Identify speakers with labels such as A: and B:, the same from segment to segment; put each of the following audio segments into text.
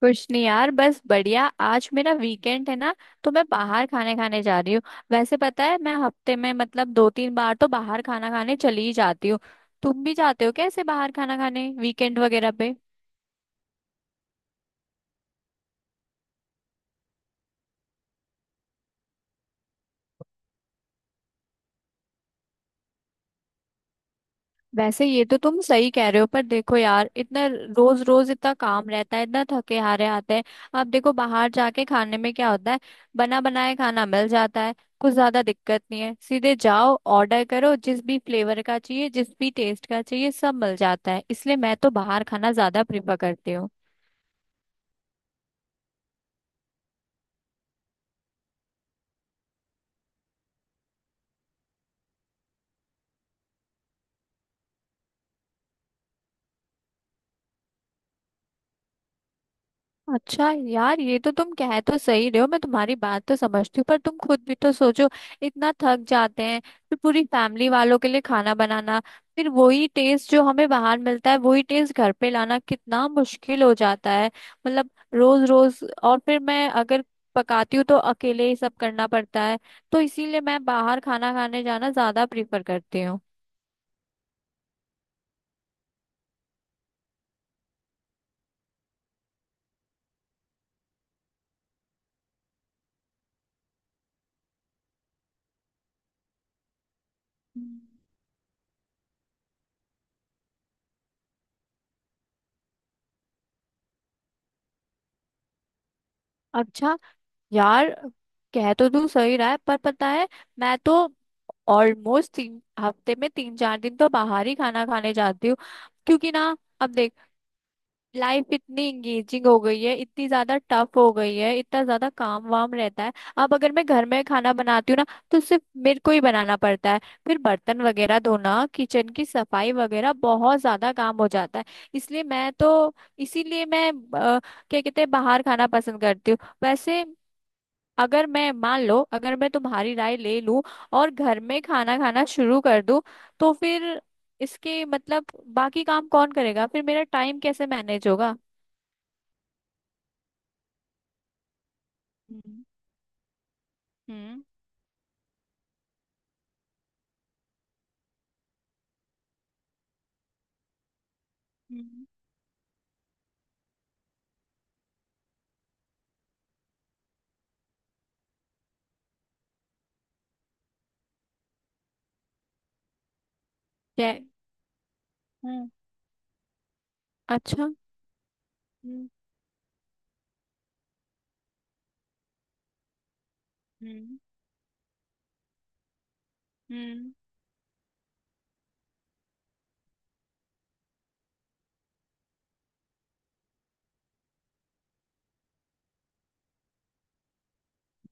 A: कुछ नहीं यार, बस बढ़िया। आज मेरा वीकेंड है ना तो मैं बाहर खाने खाने जा रही हूँ। वैसे पता है मैं हफ्ते में मतलब दो तीन बार तो बाहर खाना खाने चली ही जाती हूँ। तुम भी जाते हो क्या ऐसे बाहर खाना खाने वीकेंड वगैरह पे? वैसे ये तो तुम सही कह रहे हो, पर देखो यार, इतना रोज रोज इतना काम रहता है, इतना थके हारे आते हैं। अब देखो बाहर जाके खाने में क्या होता है? बना बनाया खाना मिल जाता है। कुछ ज्यादा दिक्कत नहीं है, सीधे जाओ ऑर्डर करो, जिस भी फ्लेवर का चाहिए जिस भी टेस्ट का चाहिए सब मिल जाता है, इसलिए मैं तो बाहर खाना ज्यादा प्रीफर करती हूँ। अच्छा यार, ये तो तुम कह तो सही रहे हो, मैं तुम्हारी बात तो समझती हूँ, पर तुम खुद भी तो सोचो। इतना थक जाते हैं, फिर पूरी फैमिली वालों के लिए खाना बनाना, फिर वही टेस्ट जो हमें बाहर मिलता है वही टेस्ट घर पे लाना कितना मुश्किल हो जाता है। मतलब रोज रोज। और फिर मैं अगर पकाती हूँ तो अकेले ही सब करना पड़ता है। तो इसीलिए मैं बाहर खाना खाने जाना ज्यादा प्रीफर करती हूँ। हम्म। अच्छा यार, कह तो तू सही रहा है, पर पता है मैं तो ऑलमोस्ट तीन हफ्ते में तीन चार दिन तो बाहर ही खाना खाने जाती हूँ। क्योंकि ना, अब देख, लाइफ इतनी इंगेजिंग हो गई है, इतनी ज्यादा टफ हो गई है, इतना ज्यादा काम वाम रहता है। अब अगर मैं घर में खाना बनाती हूँ ना तो सिर्फ मेरे को ही बनाना पड़ता है। फिर बर्तन वगैरह धोना, किचन की सफाई वगैरह बहुत ज्यादा काम हो जाता है। इसलिए मैं तो इसीलिए मैं क्या कहते हैं बाहर खाना पसंद करती हूँ। वैसे, अगर मैं मान लो, अगर मैं तुम्हारी राय ले लूं और घर में खाना खाना शुरू कर दूं, तो फिर इसके मतलब बाकी काम कौन करेगा? फिर मेरा टाइम कैसे मैनेज होगा? हम्म। हम्म। हम्म। क्या- हम्म। अच्छा। हम्म। हम्म। हम्म।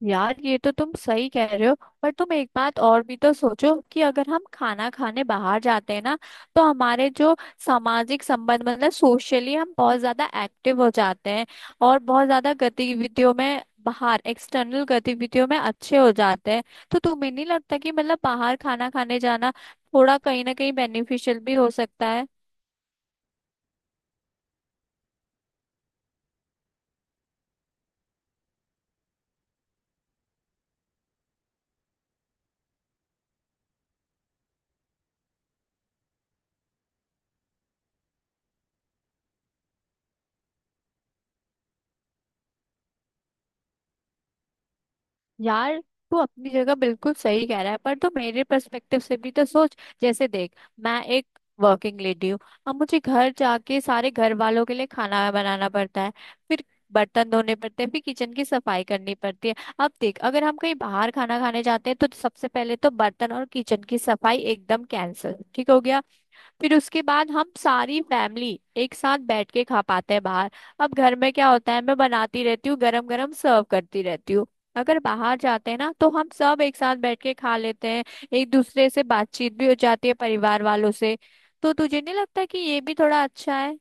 A: यार ये तो तुम सही कह रहे हो, पर तुम एक बात और भी तो सोचो कि अगर हम खाना खाने बाहर जाते हैं ना तो हमारे जो सामाजिक संबंध, मतलब सोशली हम बहुत ज्यादा एक्टिव हो जाते हैं, और बहुत ज्यादा गतिविधियों में, बाहर एक्सटर्नल गतिविधियों में अच्छे हो जाते हैं। तो तुम्हें नहीं लगता कि मतलब बाहर खाना खाने जाना थोड़ा कहीं ना कहीं बेनिफिशियल भी हो सकता है? यार, तू अपनी जगह बिल्कुल सही कह रहा है, पर तो मेरे पर्सपेक्टिव से भी तो सोच। जैसे देख, मैं एक वर्किंग लेडी हूँ। अब मुझे घर जाके सारे घर वालों के लिए खाना बनाना पड़ता है। फिर बर्तन धोने पड़ते हैं, फिर किचन की सफाई करनी पड़ती है। अब देख, अगर हम कहीं बाहर खाना खाने जाते हैं तो सबसे पहले तो बर्तन और किचन की सफाई एकदम कैंसिल, ठीक हो गया। फिर उसके बाद हम सारी फैमिली एक साथ बैठ के खा पाते हैं बाहर। अब घर में क्या होता है, मैं बनाती रहती हूँ, गरम गरम सर्व करती रहती हूँ। अगर बाहर जाते हैं ना तो हम सब एक साथ बैठ के खा लेते हैं, एक दूसरे से बातचीत भी हो जाती है परिवार वालों से। तो तुझे नहीं लगता कि ये भी थोड़ा अच्छा है?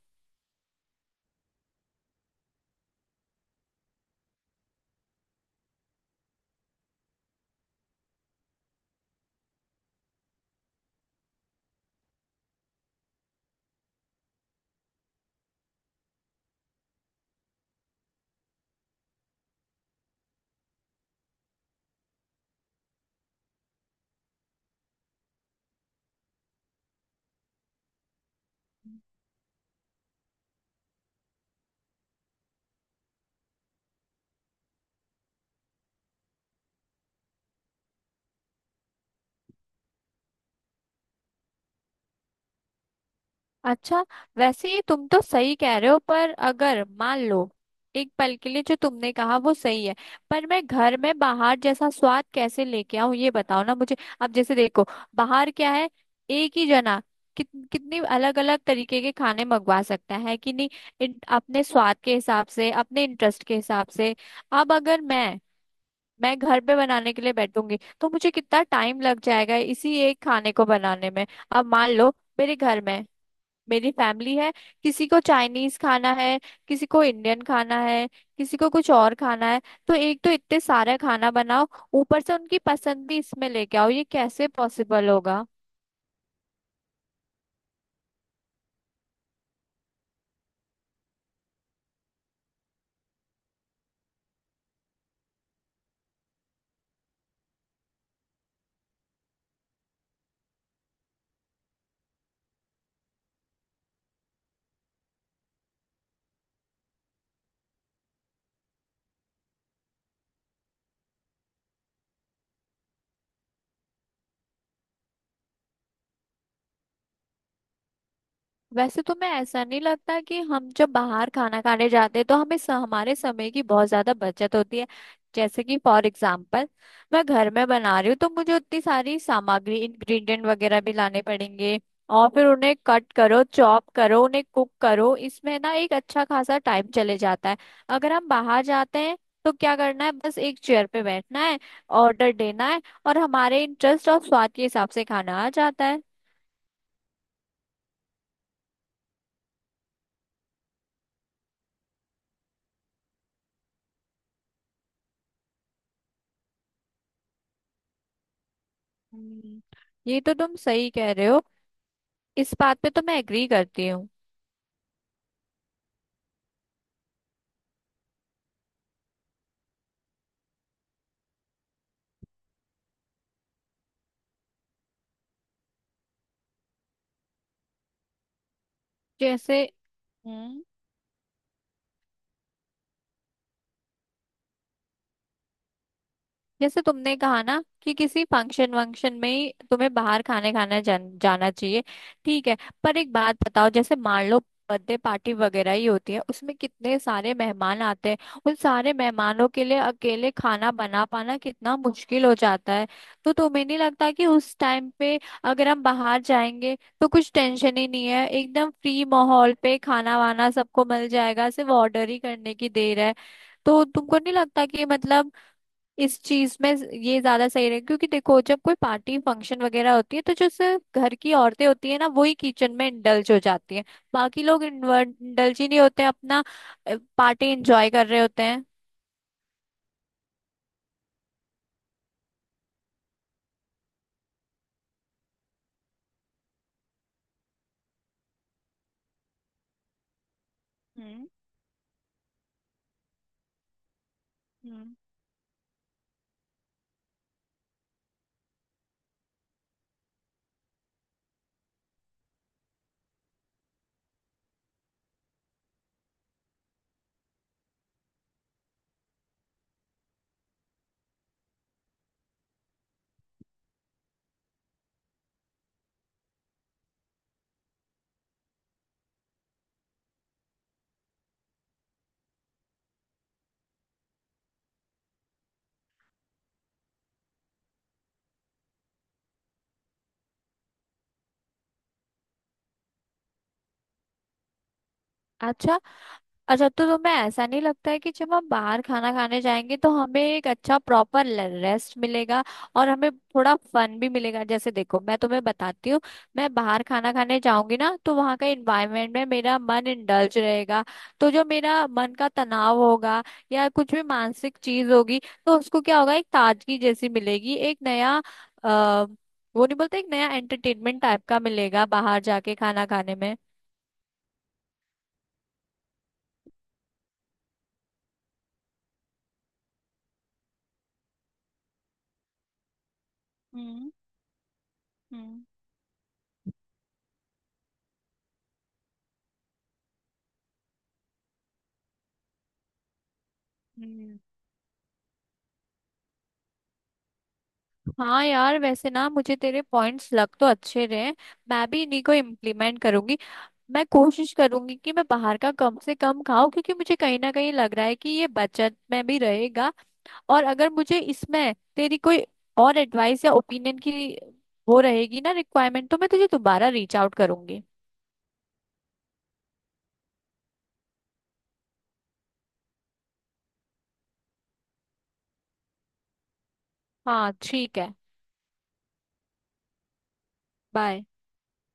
A: अच्छा, वैसे ही तुम तो सही कह रहे हो, पर अगर मान लो एक पल के लिए जो तुमने कहा वो सही है, पर मैं घर में बाहर जैसा स्वाद कैसे लेके आऊं, ये बताओ ना मुझे। अब जैसे देखो बाहर क्या है? एक ही जना कितनी अलग अलग तरीके के खाने मंगवा सकता है कि नहीं? अपने स्वाद के हिसाब से अपने इंटरेस्ट के हिसाब से। अब अगर मैं घर पे बनाने के लिए बैठूंगी तो मुझे कितना टाइम लग जाएगा इसी एक खाने को बनाने में। अब मान लो मेरे घर में मेरी फैमिली है, किसी को चाइनीज खाना है, किसी को इंडियन खाना है, किसी को कुछ और खाना है। तो एक तो इतने सारा खाना बनाओ, ऊपर से उनकी पसंद भी इसमें लेके आओ, ये कैसे पॉसिबल होगा? वैसे तुम्हें ऐसा नहीं लगता कि हम जब बाहर खाना खाने जाते हैं तो हमें हमारे समय की बहुत ज्यादा बचत होती है? जैसे कि फॉर एग्जाम्पल, मैं घर में बना रही हूँ तो मुझे उतनी सारी सामग्री इंग्रेडिएंट वगैरह भी लाने पड़ेंगे, और फिर उन्हें कट करो, चॉप करो, उन्हें कुक करो, इसमें ना एक अच्छा खासा टाइम चले जाता है। अगर हम बाहर जाते हैं तो क्या करना है, बस एक चेयर पे बैठना है, ऑर्डर देना है, और हमारे इंटरेस्ट और स्वाद के हिसाब से खाना आ जाता है। हम्म, ये तो तुम सही कह रहे हो। इस बात पे तो मैं एग्री करती हूँ। जैसे हम्म। जैसे तुमने कहा ना कि किसी फंक्शन वंक्शन में ही तुम्हें बाहर खाने खाने जाना चाहिए। ठीक है। पर एक बात बताओ, जैसे मान लो बर्थडे पार्टी वगैरह ही होती है उसमें कितने सारे मेहमान आते हैं, उन सारे मेहमानों के लिए अकेले खाना बना पाना कितना मुश्किल हो जाता है। तो तुम्हें नहीं लगता कि उस टाइम पे अगर हम बाहर जाएंगे तो कुछ टेंशन ही नहीं है, एकदम फ्री माहौल पे खाना वाना सबको मिल जाएगा, सिर्फ ऑर्डर ही करने की देर है। तो तुमको नहीं लगता कि मतलब इस चीज में ये ज्यादा सही रहेगा? क्योंकि देखो, जब कोई पार्टी फंक्शन वगैरह होती है तो जो सिर्फ घर की औरतें होती है ना वही किचन में इंडल्ज हो जाती है, बाकी लोग इंडल्ज ही नहीं होते, अपना पार्टी एंजॉय कर रहे होते हैं। हम्म। हम्म। अच्छा। अच्छा, तो तुम्हें ऐसा नहीं लगता है कि जब हम बाहर खाना खाने जाएंगे तो हमें एक अच्छा प्रॉपर रेस्ट मिलेगा और हमें थोड़ा फन भी मिलेगा? जैसे देखो, मैं तुम्हें बताती हूँ, मैं बाहर खाना खाने जाऊंगी ना तो वहाँ का इन्वायरमेंट में मेरा मन इंडल्ज रहेगा। तो जो मेरा मन का तनाव होगा, या कुछ भी मानसिक चीज होगी, तो उसको क्या होगा, एक ताजगी जैसी मिलेगी, एक नया आ, वो नहीं बोलते, एक नया एंटरटेनमेंट टाइप का मिलेगा बाहर जाके खाना खाने में। हम्म। हम्म। हाँ यार, वैसे ना मुझे तेरे पॉइंट्स लग तो अच्छे रहे हैं। मैं भी इन्हीं को इम्प्लीमेंट करूंगी। मैं कोशिश करूंगी कि मैं बाहर का कम से कम खाऊं, क्योंकि मुझे कहीं ना कहीं लग रहा है कि ये बचत में भी रहेगा। और अगर मुझे इसमें तेरी कोई और एडवाइस या ओपिनियन की, वो रहेगी ना, रिक्वायरमेंट, तो मैं तुझे दोबारा रीच आउट करूंगी। हाँ ठीक है। बाय।